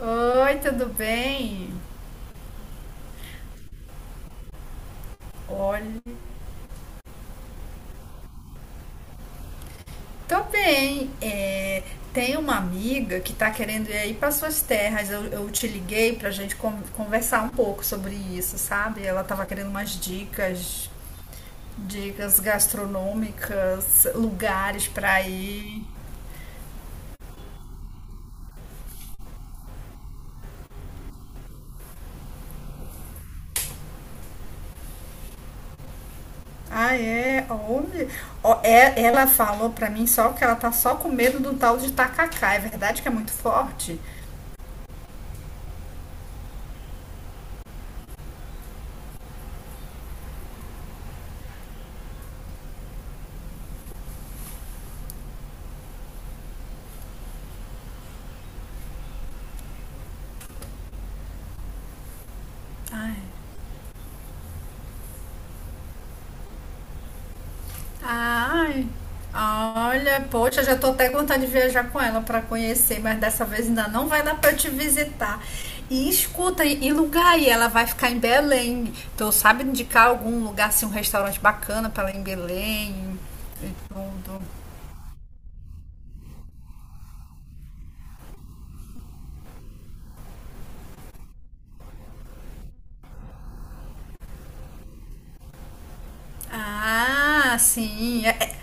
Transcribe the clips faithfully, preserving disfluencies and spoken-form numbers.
Oi, tudo bem? Olha, tô bem. É, tem uma amiga que tá querendo ir aí para suas terras. Eu, eu te liguei pra gente con- conversar um pouco sobre isso, sabe? Ela tava querendo umas dicas, dicas gastronômicas, lugares pra ir. Ah, é? Onde? Ó, é- ela falou pra mim só que ela tá só com medo do tal de tacacá. É verdade que é muito forte? Ai, olha, poxa, já tô até com vontade de viajar com ela para conhecer, mas dessa vez ainda não vai dar para eu te visitar. E escuta, e e lugar aí? Ela vai ficar em Belém. Tu sabe indicar algum lugar, assim, um restaurante bacana para ela em Belém e tudo? Ah, sim. é- é-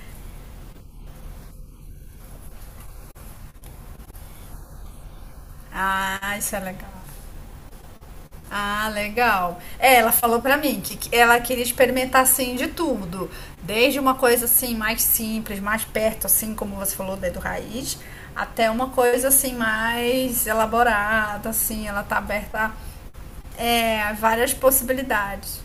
Ah, isso é legal. Ah, legal. É, ela falou pra mim que que ela queria experimentar assim de tudo, desde uma coisa assim mais simples, mais perto assim, como você falou, dedo raiz, até uma coisa assim mais elaborada, assim, ela tá aberta a é, várias possibilidades.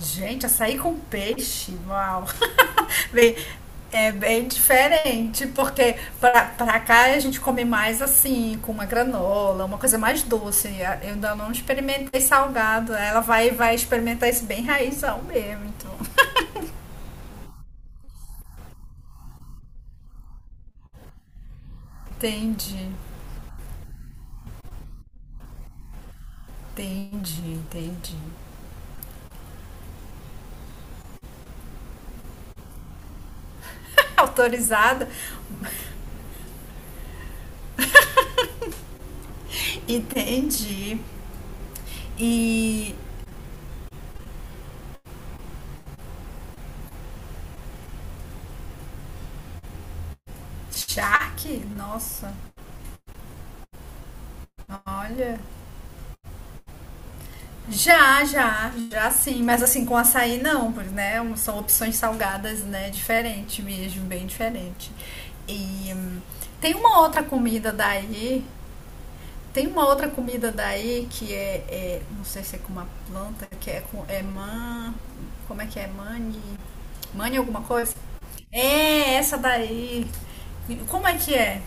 Gente, açaí com peixe, uau! Bem, é bem diferente, porque pra, pra cá a gente come mais assim, com uma granola, uma coisa mais doce. Eu ainda não experimentei salgado. Ela vai, vai experimentar isso bem raizão mesmo, então. Entendi, entendi, entendi. Autorizada? Entendi. E charque? Nossa, olha. Já, já, já sim, mas assim com açaí não, pois, né? um- São opções salgadas, né? Diferente mesmo, bem diferente. E hum, tem uma outra comida daí, tem uma outra comida daí que é, é- não sei se é com uma planta, que é com é man, como é que é? Mani, mani alguma coisa? É essa daí. Como é que é?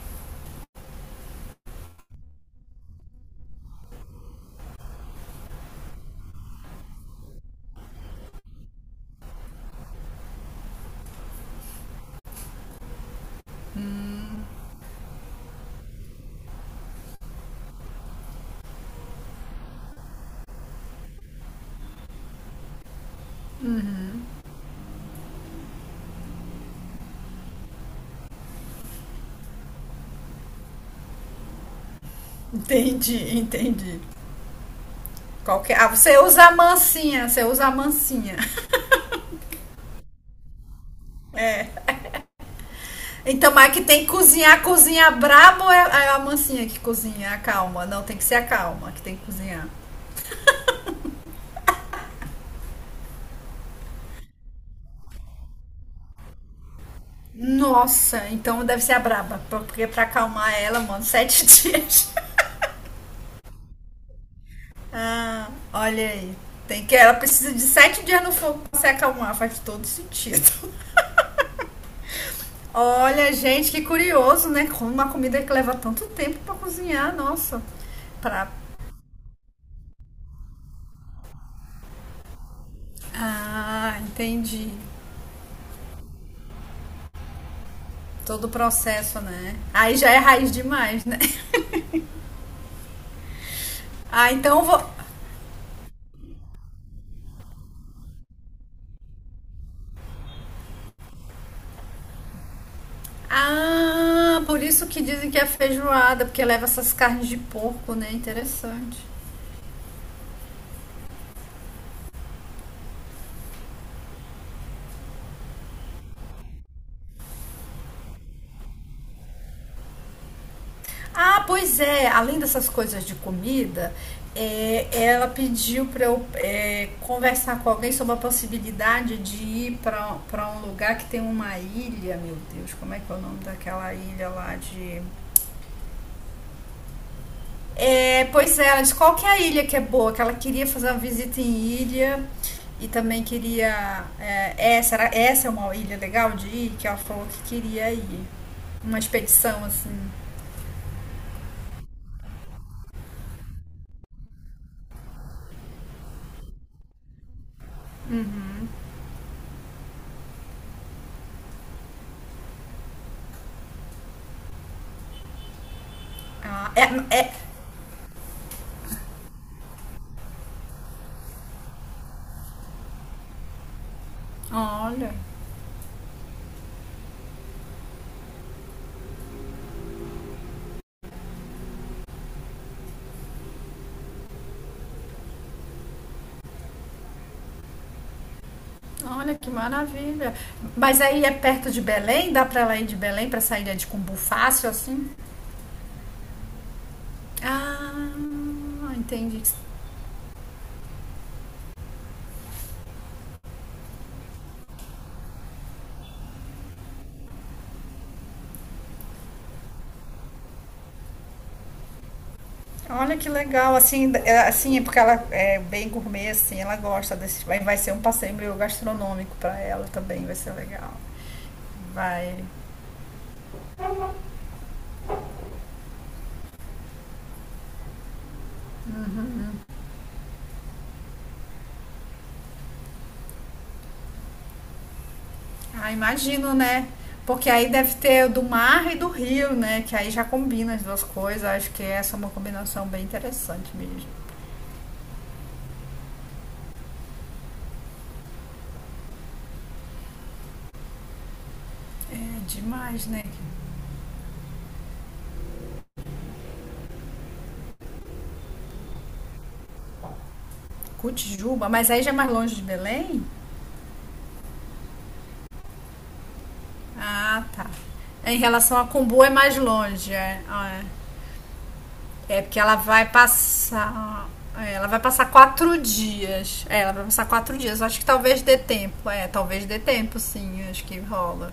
Entendi, entendi. Qual que é? Ah, você usa a mansinha, você usa a mansinha. Então, mas que tem que cozinhar, cozinhar brabo é é a mansinha que cozinha, a calma. Não, tem que ser a calma que tem que cozinhar. Nossa, então deve ser a braba, porque pra acalmar ela, mano, sete dias. Ah, olha aí. Tem que, ela precisa de sete dias no fogo pra se acalmar, faz todo sentido. Olha, gente, que curioso, né? Como uma comida que leva tanto tempo pra cozinhar, nossa. Pra... Ah, entendi. Todo o processo, né? Aí já é raiz demais, né? Ah, então eu vou. Ah, por isso que dizem que é feijoada, porque leva essas carnes de porco, né? Interessante. Ah, pois é, além dessas coisas de comida, é, ela pediu para eu é, conversar com alguém sobre a possibilidade de ir para para um lugar que tem uma ilha, meu Deus, como é que é o nome daquela ilha lá de É, pois é, ela disse qual que é a ilha que é boa, que ela queria fazer uma visita em ilha e também queria. É, essa, era, essa é uma ilha legal de ir, que ela falou que queria ir. Uma expedição, assim. Ah, é, é, olha, olha que maravilha. Mas aí é perto de Belém? Dá pra ela ir de Belém pra essa ilha de Cumbu fácil, assim? Ah, entendi. Olha que legal, assim, é, assim, é porque ela é bem gourmet, assim, ela gosta desse, vai, vai ser um passeio meio gastronômico para ela também, vai ser legal. Vai. Ah, imagino, né? Porque aí deve ter do mar e do rio, né? Que aí já combina as duas coisas. Acho que essa é uma combinação bem interessante mesmo. É demais, né? Cotijuba, mas aí já é mais longe de Belém? Ah, tá. Em relação a Cumbu é mais longe, é. Ah, é. É porque ela vai passar. É, Ela vai passar quatro dias. É, ela vai passar quatro dias. Acho que talvez dê tempo. É, talvez dê tempo, sim. Acho que rola.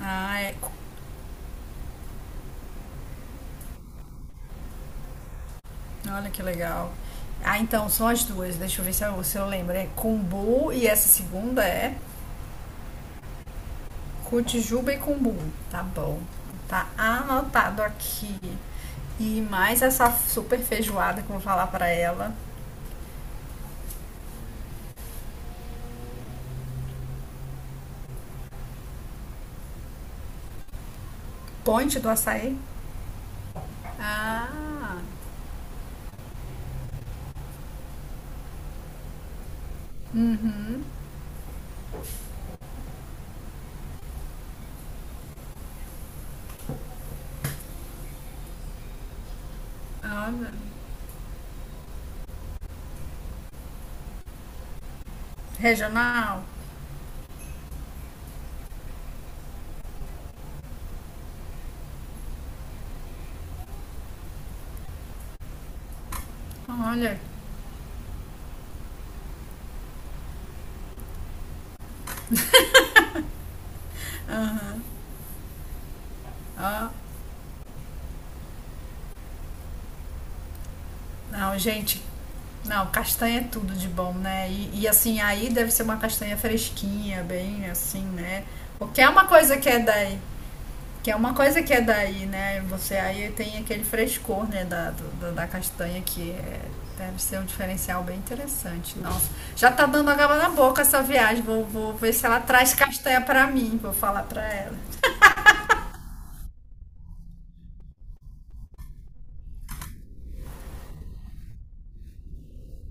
Ah, é, olha que legal. Ah, então, são as duas. Deixa eu ver se eu, se eu lembro. É Kumbu e essa segunda é Cotijuba e Kumbu. Tá bom. Tá anotado aqui. E mais essa super feijoada que eu vou falar pra ela. Ponte do açaí. Ah, uhum. Olha. Regional? Olha, ó, não, gente, não, castanha é tudo de bom, né? E, e, assim, aí deve ser uma castanha fresquinha, bem assim, né? Porque é uma coisa que é daí, que é uma coisa que é daí, né? Você aí tem aquele frescor, né, da, do- da da castanha que é- deve ser um diferencial bem interessante. Nossa, já tá dando água na boca essa viagem. Vou, vou ver se ela traz castanha pra mim, vou falar pra ela.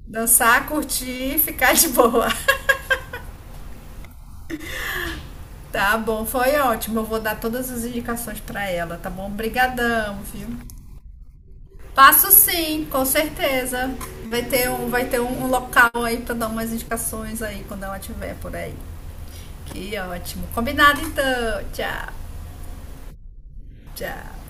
Dançar, curtir e ficar de boa. Tá bom, foi ótimo. Eu vou dar todas as indicações pra ela, tá bom? Obrigadão, viu? Passo sim, com certeza. Vai ter um, vai ter um, um local aí pra dar umas indicações aí quando ela tiver por aí. Que ótimo. Combinado então. Tchau, tchau.